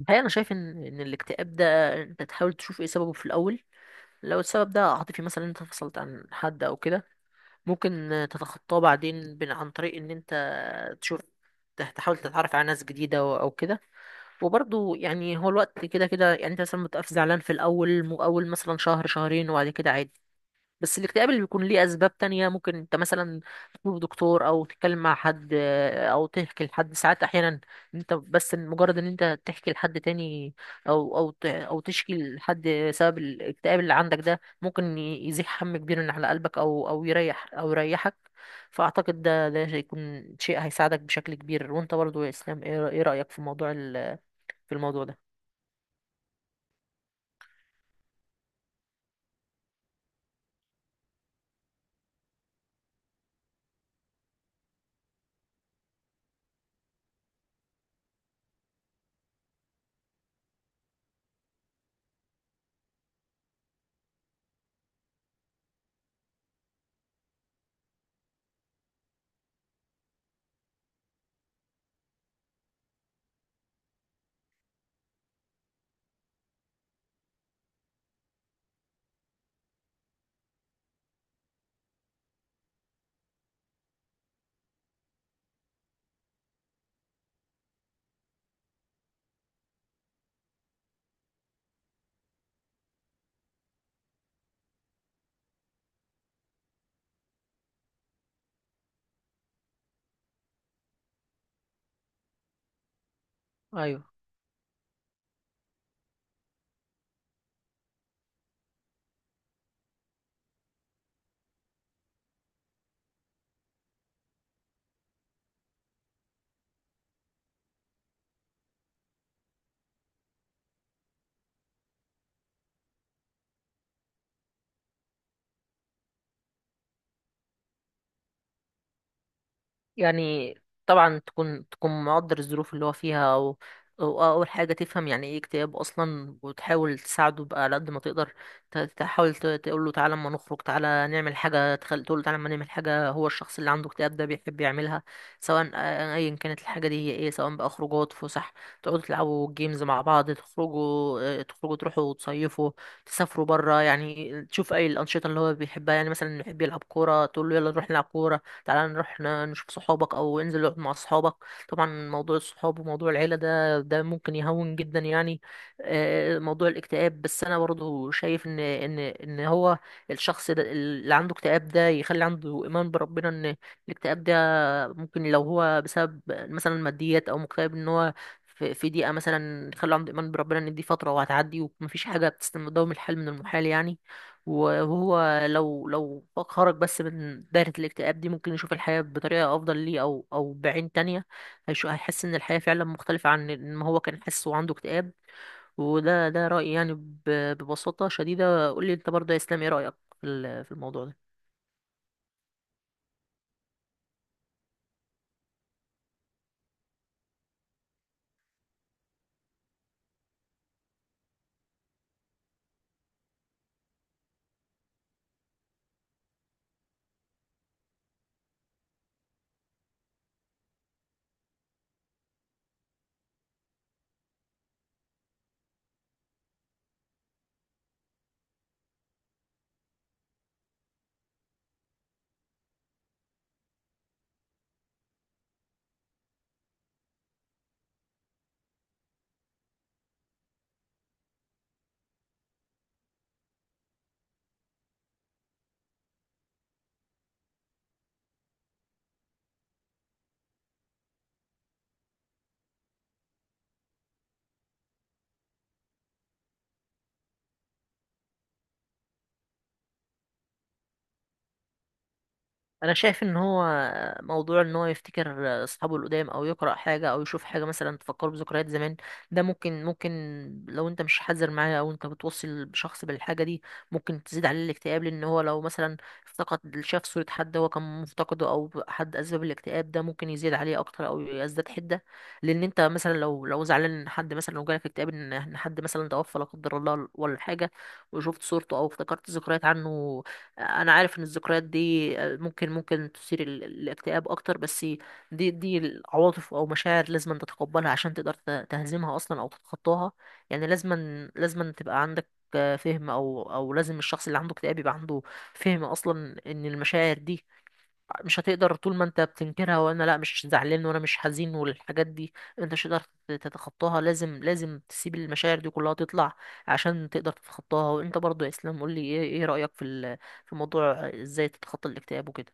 الحقيقة أنا شايف إن الاكتئاب ده أنت تحاول تشوف إيه سببه في الأول. لو السبب ده عاطفي مثلا أنت فصلت عن حد أو كده ممكن تتخطاه بعدين عن طريق إن أنت تشوف، تحاول تتعرف على ناس جديدة أو كده. وبرضه يعني هو الوقت كده كده، يعني أنت مثلا بتبقى زعلان في الأول، أول مثلا شهر شهرين وبعد كده عادي. بس الاكتئاب اللي بيكون ليه اسباب تانية ممكن انت مثلا تزور دكتور او تتكلم مع حد، آه، او تحكي لحد ساعات احيانا. انت بس مجرد ان انت تحكي لحد تاني او تشكي لحد سبب الاكتئاب اللي عندك ده ممكن يزيح هم كبير من على قلبك او يريحك. فاعتقد ده هيكون شيء هيساعدك بشكل كبير. وانت برضه يا اسلام، إيه رأيك في في الموضوع ده؟ ايوه. يعني طبعا تكون مقدر الظروف اللي هو فيها، وأول حاجة تفهم يعني إيه اكتئاب أصلا وتحاول تساعده بقى على قد ما تقدر. تحاول تقول له تعالى أما نخرج، تعالى نعمل حاجة تقول له تعالى أما نعمل حاجة هو الشخص اللي عنده اكتئاب ده بيحب يعملها، سواء، آه، أيا كانت الحاجة دي هي إيه، سواء بقى خروجات فسح، تقعدوا تلعبوا جيمز مع بعض، تخرجوا، آه، تخرجوا تروحوا تصيفوا، تسافروا برا، يعني تشوف أي الأنشطة اللي هو بيحبها. يعني مثلا يحب يلعب كورة تقول له يلا نروح نلعب كورة، تعالى نروح نشوف صحابك او انزل اقعد مع صحابك. طبعا موضوع الصحاب وموضوع العيله ده ممكن يهون جدا يعني، آه، موضوع الاكتئاب. بس انا برضه شايف ان هو الشخص ده اللي عنده اكتئاب ده يخلي عنده ايمان بربنا ان الاكتئاب ده ممكن لو هو بسبب مثلا ماديات او مكتئب ان هو في ضيقه، مثلا خلوا عنده ايمان بربنا ان دي فتره وهتعدي ومفيش حاجه بتستلم، دوام الحال من المحال يعني. وهو لو خرج بس من دايره الاكتئاب دي ممكن يشوف الحياه بطريقه افضل ليه، او بعين تانية. هيحس ان الحياه فعلا مختلفه عن ما هو كان حاسس وعنده اكتئاب. وده رايي يعني، ببساطه شديده. قول لي انت برضه يا اسلام، ايه رايك في في الموضوع ده؟ انا شايف ان هو موضوع ان هو يفتكر اصحابه القدام او يقرا حاجه او يشوف حاجه مثلا تفكره بذكريات زمان، ده ممكن لو انت مش حذر معاه او انت بتوصل بشخص بالحاجه دي ممكن تزيد عليه الاكتئاب. لان هو لو مثلا افتقد، شاف صوره حد هو كان مفتقده او حد اسباب الاكتئاب ده ممكن يزيد عليه اكتر او يزداد حده. لان انت مثلا لو زعلان ان حد، مثلا لو جالك اكتئاب ان حد مثلا توفى لا قدر الله ولا حاجه، وشفت صورته او افتكرت ذكريات عنه، انا عارف ان الذكريات دي، آه، ممكن تثير الاكتئاب اكتر. بس دي العواطف او مشاعر لازم أن تتقبلها عشان تقدر تهزمها اصلا او تتخطاها. يعني لازم لازم أن تبقى عندك، آه، فهم، او لازم الشخص اللي عنده اكتئاب يبقى عنده فهم اصلا ان المشاعر دي مش هتقدر، طول ما انت بتنكرها وانا لا مش زعلان وانا مش حزين والحاجات دي، انت مش هتقدر تتخطاها. لازم تسيب المشاعر دي كلها تطلع عشان تقدر تتخطاها. وانت برضو يا اسلام قول لي ايه رأيك في في موضوع ازاي تتخطى الاكتئاب وكده؟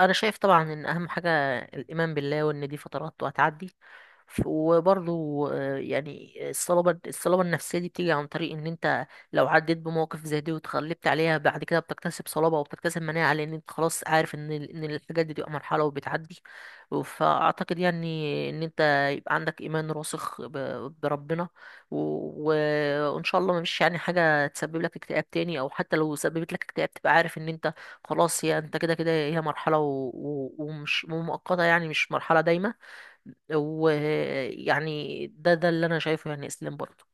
انا شايف طبعا ان اهم حاجه الايمان بالله وان دي فترات وهتعدي. وبرضو آه، يعني الصلابه النفسيه دي بتيجي عن طريق ان انت لو عديت بمواقف زي دي وتغلبت عليها، بعد كده بتكتسب صلابه وبتكتسب مناعه لان انت خلاص عارف ان الحاجات دي بتبقى مرحله وبتعدي. فاعتقد يعني ان انت يبقى عندك ايمان راسخ بربنا، و- و- وان شاء الله مش يعني حاجه تسبب لك اكتئاب تاني، او حتى لو سببت لك اكتئاب تبقى عارف ان انت خلاص، هي انت كده كده هي مرحلة ومش ومؤقتة يعني مش مرحلة دايمة. ويعني ده اللي انا شايفه يعني اسلام برضه.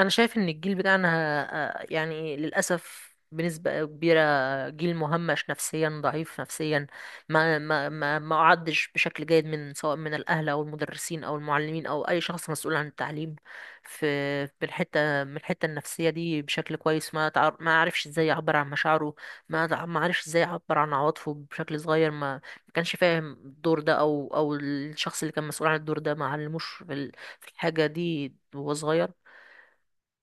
انا شايف ان الجيل بتاعنا، آه، يعني للاسف بنسبة كبيرة جيل مهمش نفسيا، ضعيف نفسيا، ما أعدش بشكل جيد، من، سواء من الأهل أو المدرسين أو المعلمين أو أي شخص مسؤول عن التعليم في في الحتة من الحتة النفسية دي بشكل كويس. ما تعر، ما عرفش إزاي يعبر عن مشاعره، ما عرفش إزاي يعبر عن عواطفه بشكل صغير، ما كانش فاهم الدور ده، أو الشخص اللي كان مسؤول عن الدور ده ما علموش في في الحاجة دي وهو صغير.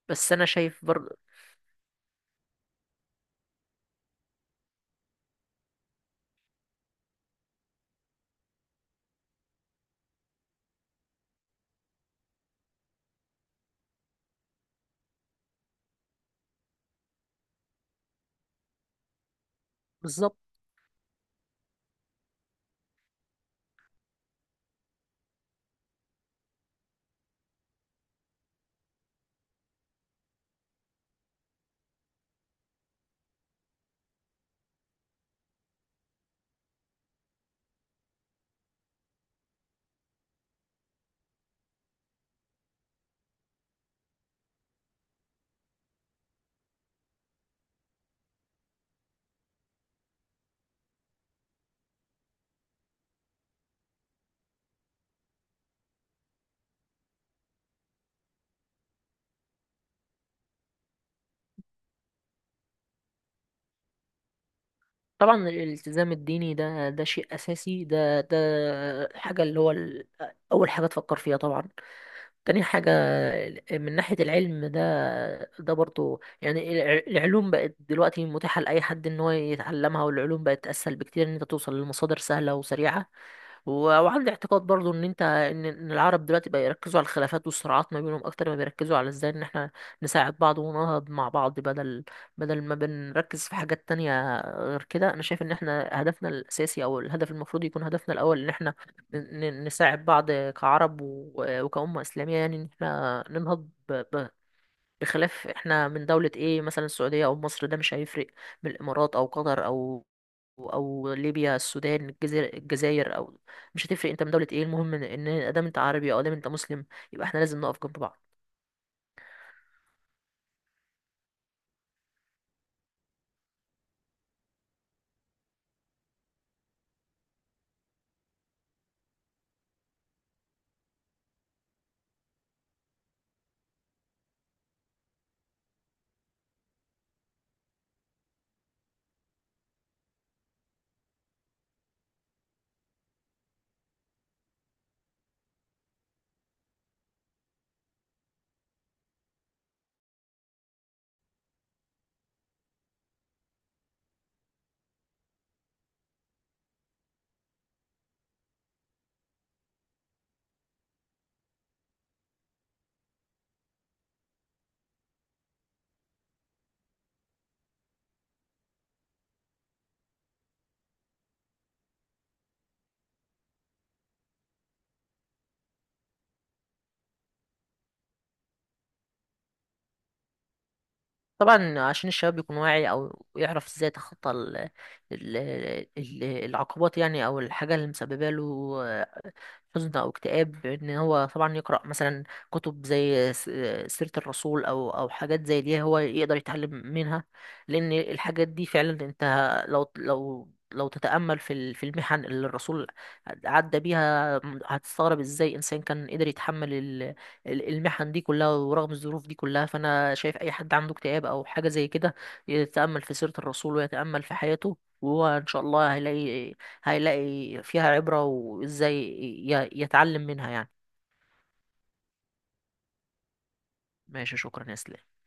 بس انا شايف برضه. بالظبط. طبعا الالتزام الديني ده، ده شيء اساسي، ده حاجه اللي هو اول حاجه تفكر فيها طبعا. تاني حاجه من ناحيه العلم ده، ده برضه يعني، العلوم بقت دلوقتي متاحه لاي حد ان هو يتعلمها، والعلوم بقت اسهل بكتير ان انت توصل لمصادر سهله وسريعه. وعندي اعتقاد برضو ان انت ان العرب دلوقتي بقى يركزوا على الخلافات والصراعات ما بينهم اكتر ما بيركزوا على ازاي ان احنا نساعد بعض وننهض مع بعض، بدل ما بنركز في حاجات تانية غير كده. انا شايف ان احنا هدفنا الاساسي او الهدف المفروض يكون هدفنا الاول ان احنا نساعد بعض كعرب وكأمة اسلامية، يعني ان احنا ننهض بخلاف احنا من دولة ايه مثلا، السعودية او مصر ده مش هيفرق، من الامارات او قطر او ليبيا، السودان، الجزائر، الجزائر، او مش هتفرق انت من دولة ايه، المهم ان ادام انت عربي او ادام انت مسلم يبقى احنا لازم نقف جنب بعض. طبعا عشان الشباب يكون واعي او يعرف ازاي يتخطى ال- العقبات يعني، او الحاجة اللي مسببه له حزن او اكتئاب، ان هو طبعا يقرا مثلا كتب زي، سيره الرسول او حاجات زي دي هو يقدر يتعلم منها. لان الحاجات دي فعلا انت لو تتامل في في المحن اللي الرسول عدى بيها، هتستغرب ازاي انسان كان قدر يتحمل المحن دي كلها، ورغم الظروف دي كلها. فانا شايف اي حد عنده اكتئاب او حاجه زي كده يتامل في سيره الرسول ويتامل في حياته، وهو ان شاء الله هيلاقي فيها عبرة، وازاي يتعلم منها يعني. ماشي، شكرا يا اسلام.